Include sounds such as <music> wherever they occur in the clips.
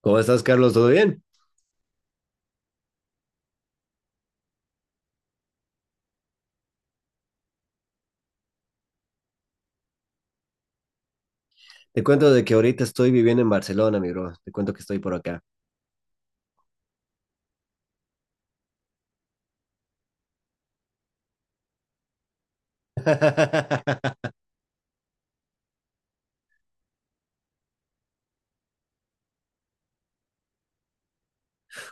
¿Cómo estás, Carlos? ¿Todo bien? Te cuento de que ahorita estoy viviendo en Barcelona, mi bro. Te cuento que estoy por acá. <laughs>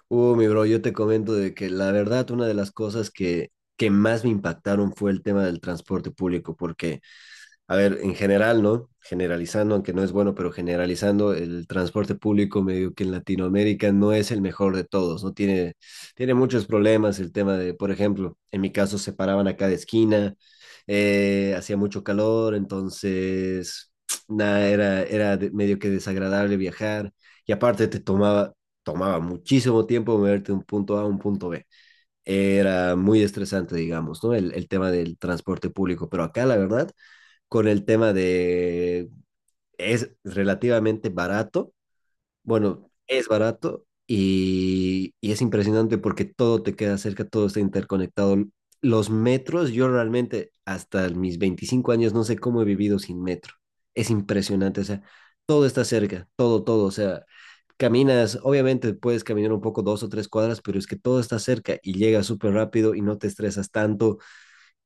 Mi bro, yo te comento de que la verdad, una de las cosas que más me impactaron fue el tema del transporte público, porque a ver, en general, ¿no? Generalizando, aunque no es bueno, pero generalizando, el transporte público medio que en Latinoamérica no es el mejor de todos, ¿no? Tiene muchos problemas el tema de, por ejemplo, en mi caso se paraban a cada esquina, hacía mucho calor, entonces, <tsk> nada, era medio que desagradable viajar y aparte te tomaba muchísimo tiempo moverte de un punto A a un punto B. Era muy estresante, digamos, ¿no? El tema del transporte público, pero acá la verdad con el tema de es relativamente barato, bueno, es barato y es impresionante porque todo te queda cerca, todo está interconectado. Los metros, yo realmente hasta mis 25 años no sé cómo he vivido sin metro. Es impresionante, o sea, todo está cerca, todo, todo, o sea, caminas, obviamente puedes caminar un poco 2 o 3 cuadras, pero es que todo está cerca y llegas súper rápido y no te estresas tanto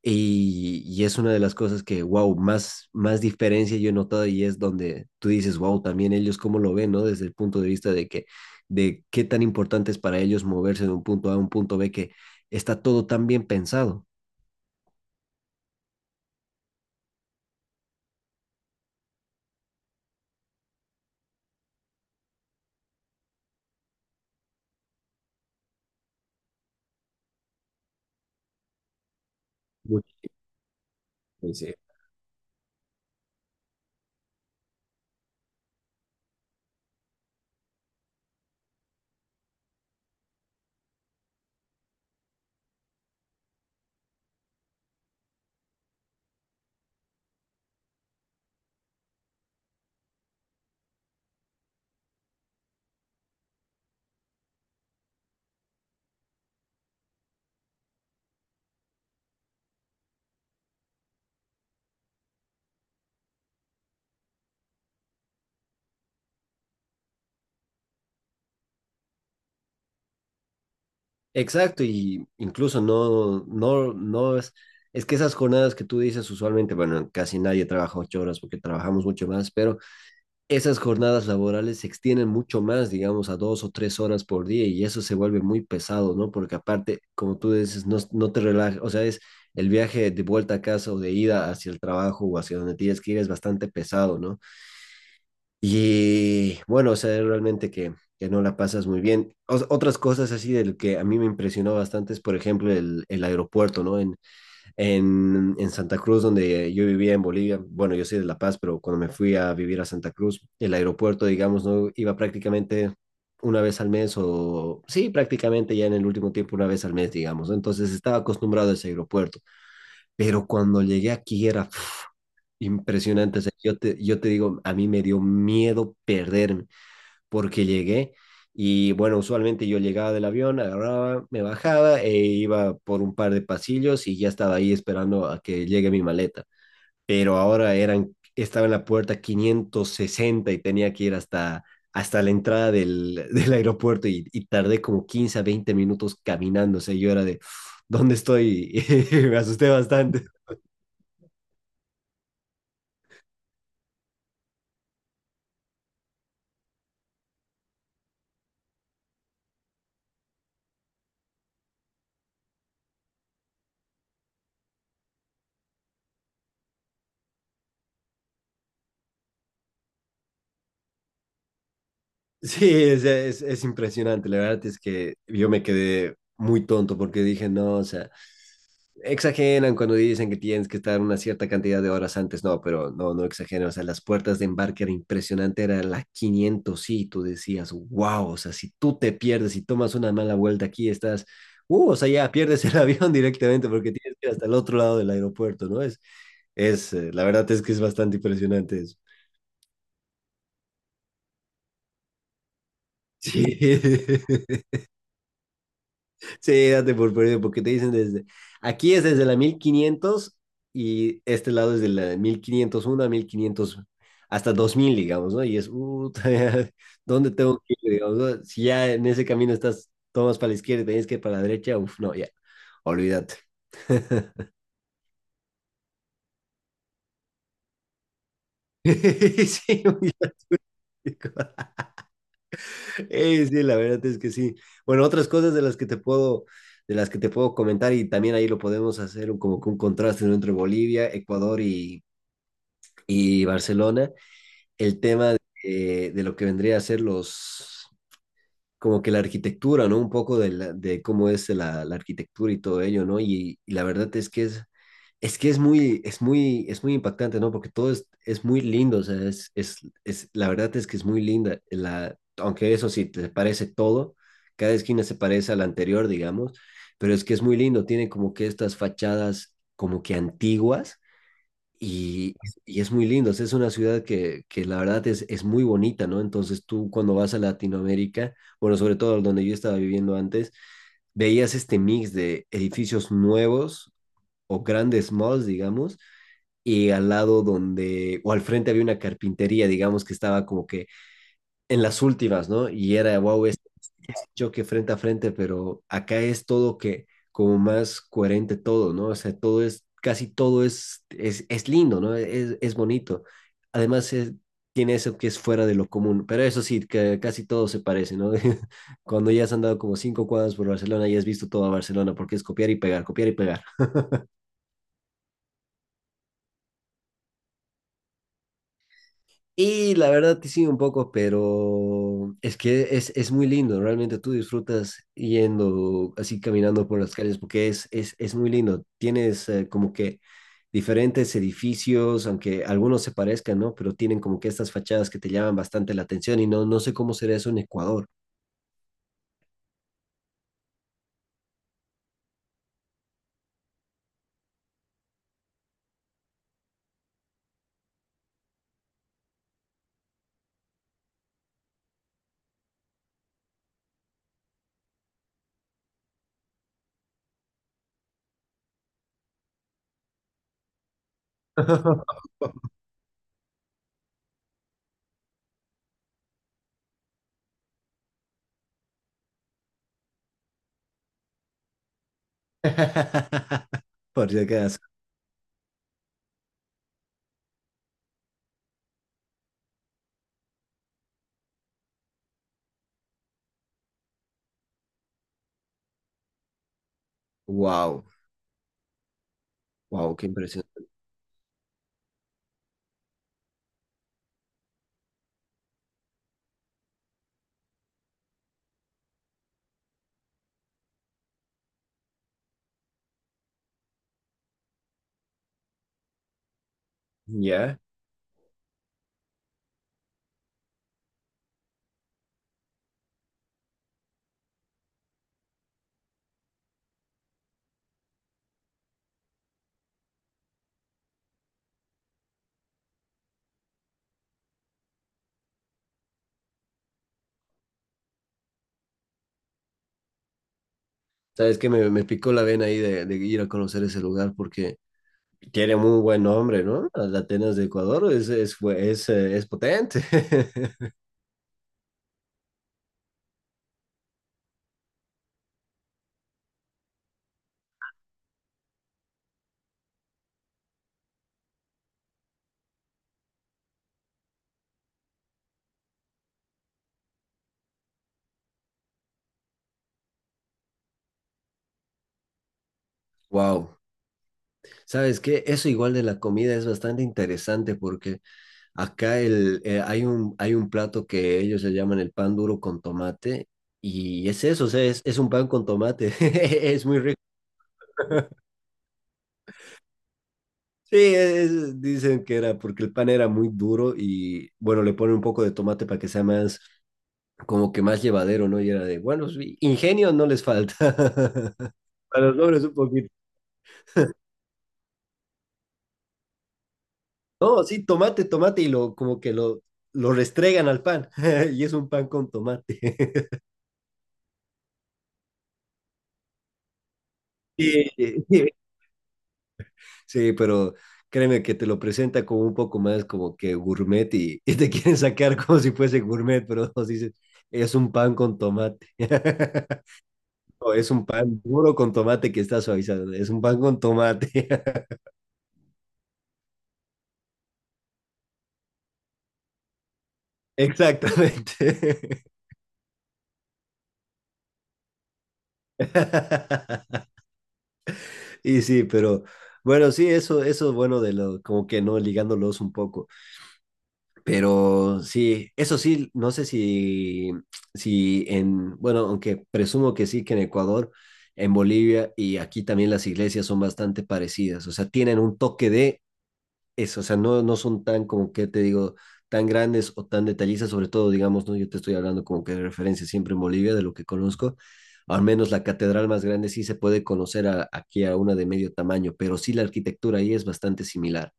y es una de las cosas que, wow, más diferencia yo he notado y es donde tú dices, wow, también ellos cómo lo ven, ¿no? Desde el punto de vista de que, de qué tan importante es para ellos moverse de un punto A a un punto B, que está todo tan bien pensado. Mucho, sí. Exacto, y incluso no, no, no es que esas jornadas que tú dices usualmente, bueno, casi nadie trabaja 8 horas porque trabajamos mucho más, pero esas jornadas laborales se extienden mucho más, digamos, a 2 o 3 horas por día y eso se vuelve muy pesado, ¿no? Porque aparte, como tú dices, no, no te relajas, o sea, es el viaje de vuelta a casa o de ida hacia el trabajo o hacia donde tienes que ir es bastante pesado, ¿no? Y bueno, o sea, es realmente que no la pasas muy bien. Otras cosas así del que a mí me impresionó bastante es, por ejemplo, el aeropuerto, ¿no? En Santa Cruz, donde yo vivía en Bolivia, bueno, yo soy de La Paz, pero cuando me fui a vivir a Santa Cruz, el aeropuerto, digamos, no iba prácticamente una vez al mes o sí, prácticamente ya en el último tiempo una vez al mes, digamos. ¿No? Entonces estaba acostumbrado a ese aeropuerto, pero cuando llegué aquí era impresionante. O sea, yo te digo, a mí me dio miedo perderme porque llegué. Y bueno, usualmente yo llegaba del avión, agarraba, me bajaba e iba por un par de pasillos y ya estaba ahí esperando a que llegue mi maleta. Pero ahora estaba en la puerta 560 y tenía que ir hasta la entrada del, <laughs> del aeropuerto y tardé como 15 a 20 minutos caminando. O sea, yo era de, "Uf, ¿dónde estoy?" <laughs> Me asusté bastante. Sí, es impresionante. La verdad es que yo me quedé muy tonto porque dije, no, o sea, exageran cuando dicen que tienes que estar una cierta cantidad de horas antes. No, pero no exageran. O sea, las puertas de embarque era impresionante, era la 500. Sí, tú decías, wow, o sea, si tú te pierdes y tomas una mala vuelta aquí, estás, o sea, ya pierdes el <laughs> avión directamente porque tienes que ir hasta el otro lado del aeropuerto, ¿no? La verdad es que es bastante impresionante eso. Sí. <laughs> Sí, date por perdido, porque te dicen aquí es desde la 1500 y este lado es de la 1501 a 1500 hasta 2000, digamos, ¿no? Y es, <laughs> ¿dónde tengo que ir, digamos, no? Si ya en ese camino estás, tomas para la izquierda y tenés que ir para la derecha, uf, no, ya, olvídate. <laughs> Sí, muy lógico. Sí, la verdad es que sí. Bueno, otras cosas de las que te puedo, de las que te puedo comentar y también ahí lo podemos hacer como que un contraste, ¿no? Entre Bolivia, Ecuador y Barcelona, el tema de lo que vendría a ser los, como que la arquitectura, ¿no? Un poco de de cómo es la, la arquitectura y todo ello, ¿no? Y la verdad es que es muy, es muy impactante, ¿no? Porque todo es, muy lindo, o sea, la verdad es que es muy linda, la, aunque eso sí, te parece todo, cada esquina se parece a la anterior, digamos, pero es que es muy lindo, tiene como que estas fachadas como que antiguas y, y es muy lindo, o sea, es una ciudad que la verdad es muy bonita, ¿no? Entonces tú cuando vas a Latinoamérica, bueno, sobre todo donde yo estaba viviendo antes, veías este mix de edificios nuevos o grandes malls, digamos, y al lado donde, o al frente había una carpintería, digamos, que estaba como que en las últimas, ¿no? Y era, wow, es choque frente a frente, pero acá es todo que como más coherente todo, ¿no? O sea, todo es, casi todo es lindo, ¿no? Es bonito. Además, tiene eso que es fuera de lo común, pero eso sí, que casi todo se parece, ¿no? <laughs> Cuando ya has andado como 5 cuadras por Barcelona ya has visto toda Barcelona, porque es copiar y pegar, copiar y pegar. Y la verdad que sí, un poco, pero es que es muy lindo, realmente tú disfrutas yendo así caminando por las calles porque es muy lindo. Tienes como que diferentes edificios, aunque algunos se parezcan, ¿no? Pero tienen como que estas fachadas que te llaman bastante la atención y no, no sé cómo será eso en Ecuador. <laughs> Por si acaso. Wow, wow, qué impresión. Ya. ¿Sabes que me picó la vena ahí de ir a conocer ese lugar porque tiene muy buen nombre, ¿no? Las Atenas de Ecuador es potente. <laughs> Wow. ¿Sabes qué? Eso igual de la comida es bastante interesante porque acá hay un plato que ellos le llaman el pan duro con tomate y es eso, o sea, es un pan con tomate. <laughs> Es muy rico. Sí, es- dicen que era porque el pan era muy duro y bueno, le ponen un poco de tomate para que sea más, como que más llevadero, ¿no? Y era de, bueno, sí, ingenio no les falta. <laughs> A los hombres un poquito. No, sí, tomate, tomate, y lo, como que lo restregan al pan. <laughs> Y es un pan con tomate. <laughs> Sí, sí. Sí, pero créeme que te lo presenta como un poco más como que gourmet y te quieren sacar como si fuese gourmet, pero nos dicen, es un pan con tomate. <laughs> No, es un pan duro con tomate que está suavizado. Es un pan con tomate. <laughs> Exactamente. <laughs> Y sí, pero bueno, sí, eso es bueno de lo, como que no ligándolos un poco. Pero sí, eso sí, no sé si en, bueno, aunque presumo que sí, que en Ecuador, en Bolivia y aquí también las iglesias son bastante parecidas. O sea, tienen un toque de eso, o sea, no son tan, como que te digo, tan grandes o tan detallistas, sobre todo, digamos, ¿no? Yo te estoy hablando como que de referencia siempre en Bolivia, de lo que conozco, al menos la catedral más grande sí se puede conocer aquí a una de medio tamaño, pero sí la arquitectura ahí es bastante similar.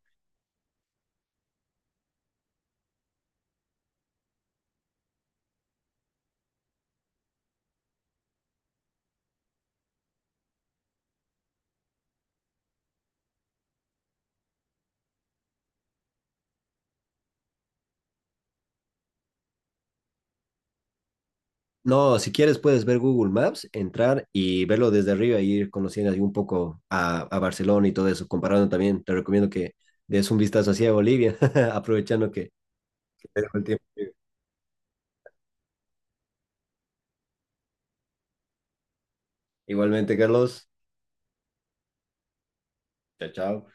No, si quieres puedes ver Google Maps, entrar y verlo desde arriba y ir conociendo ahí un poco a Barcelona y todo eso, comparando también, te recomiendo que des un vistazo hacia Bolivia, <laughs> aprovechando que el tiempo. Igualmente, Carlos, chao, chao.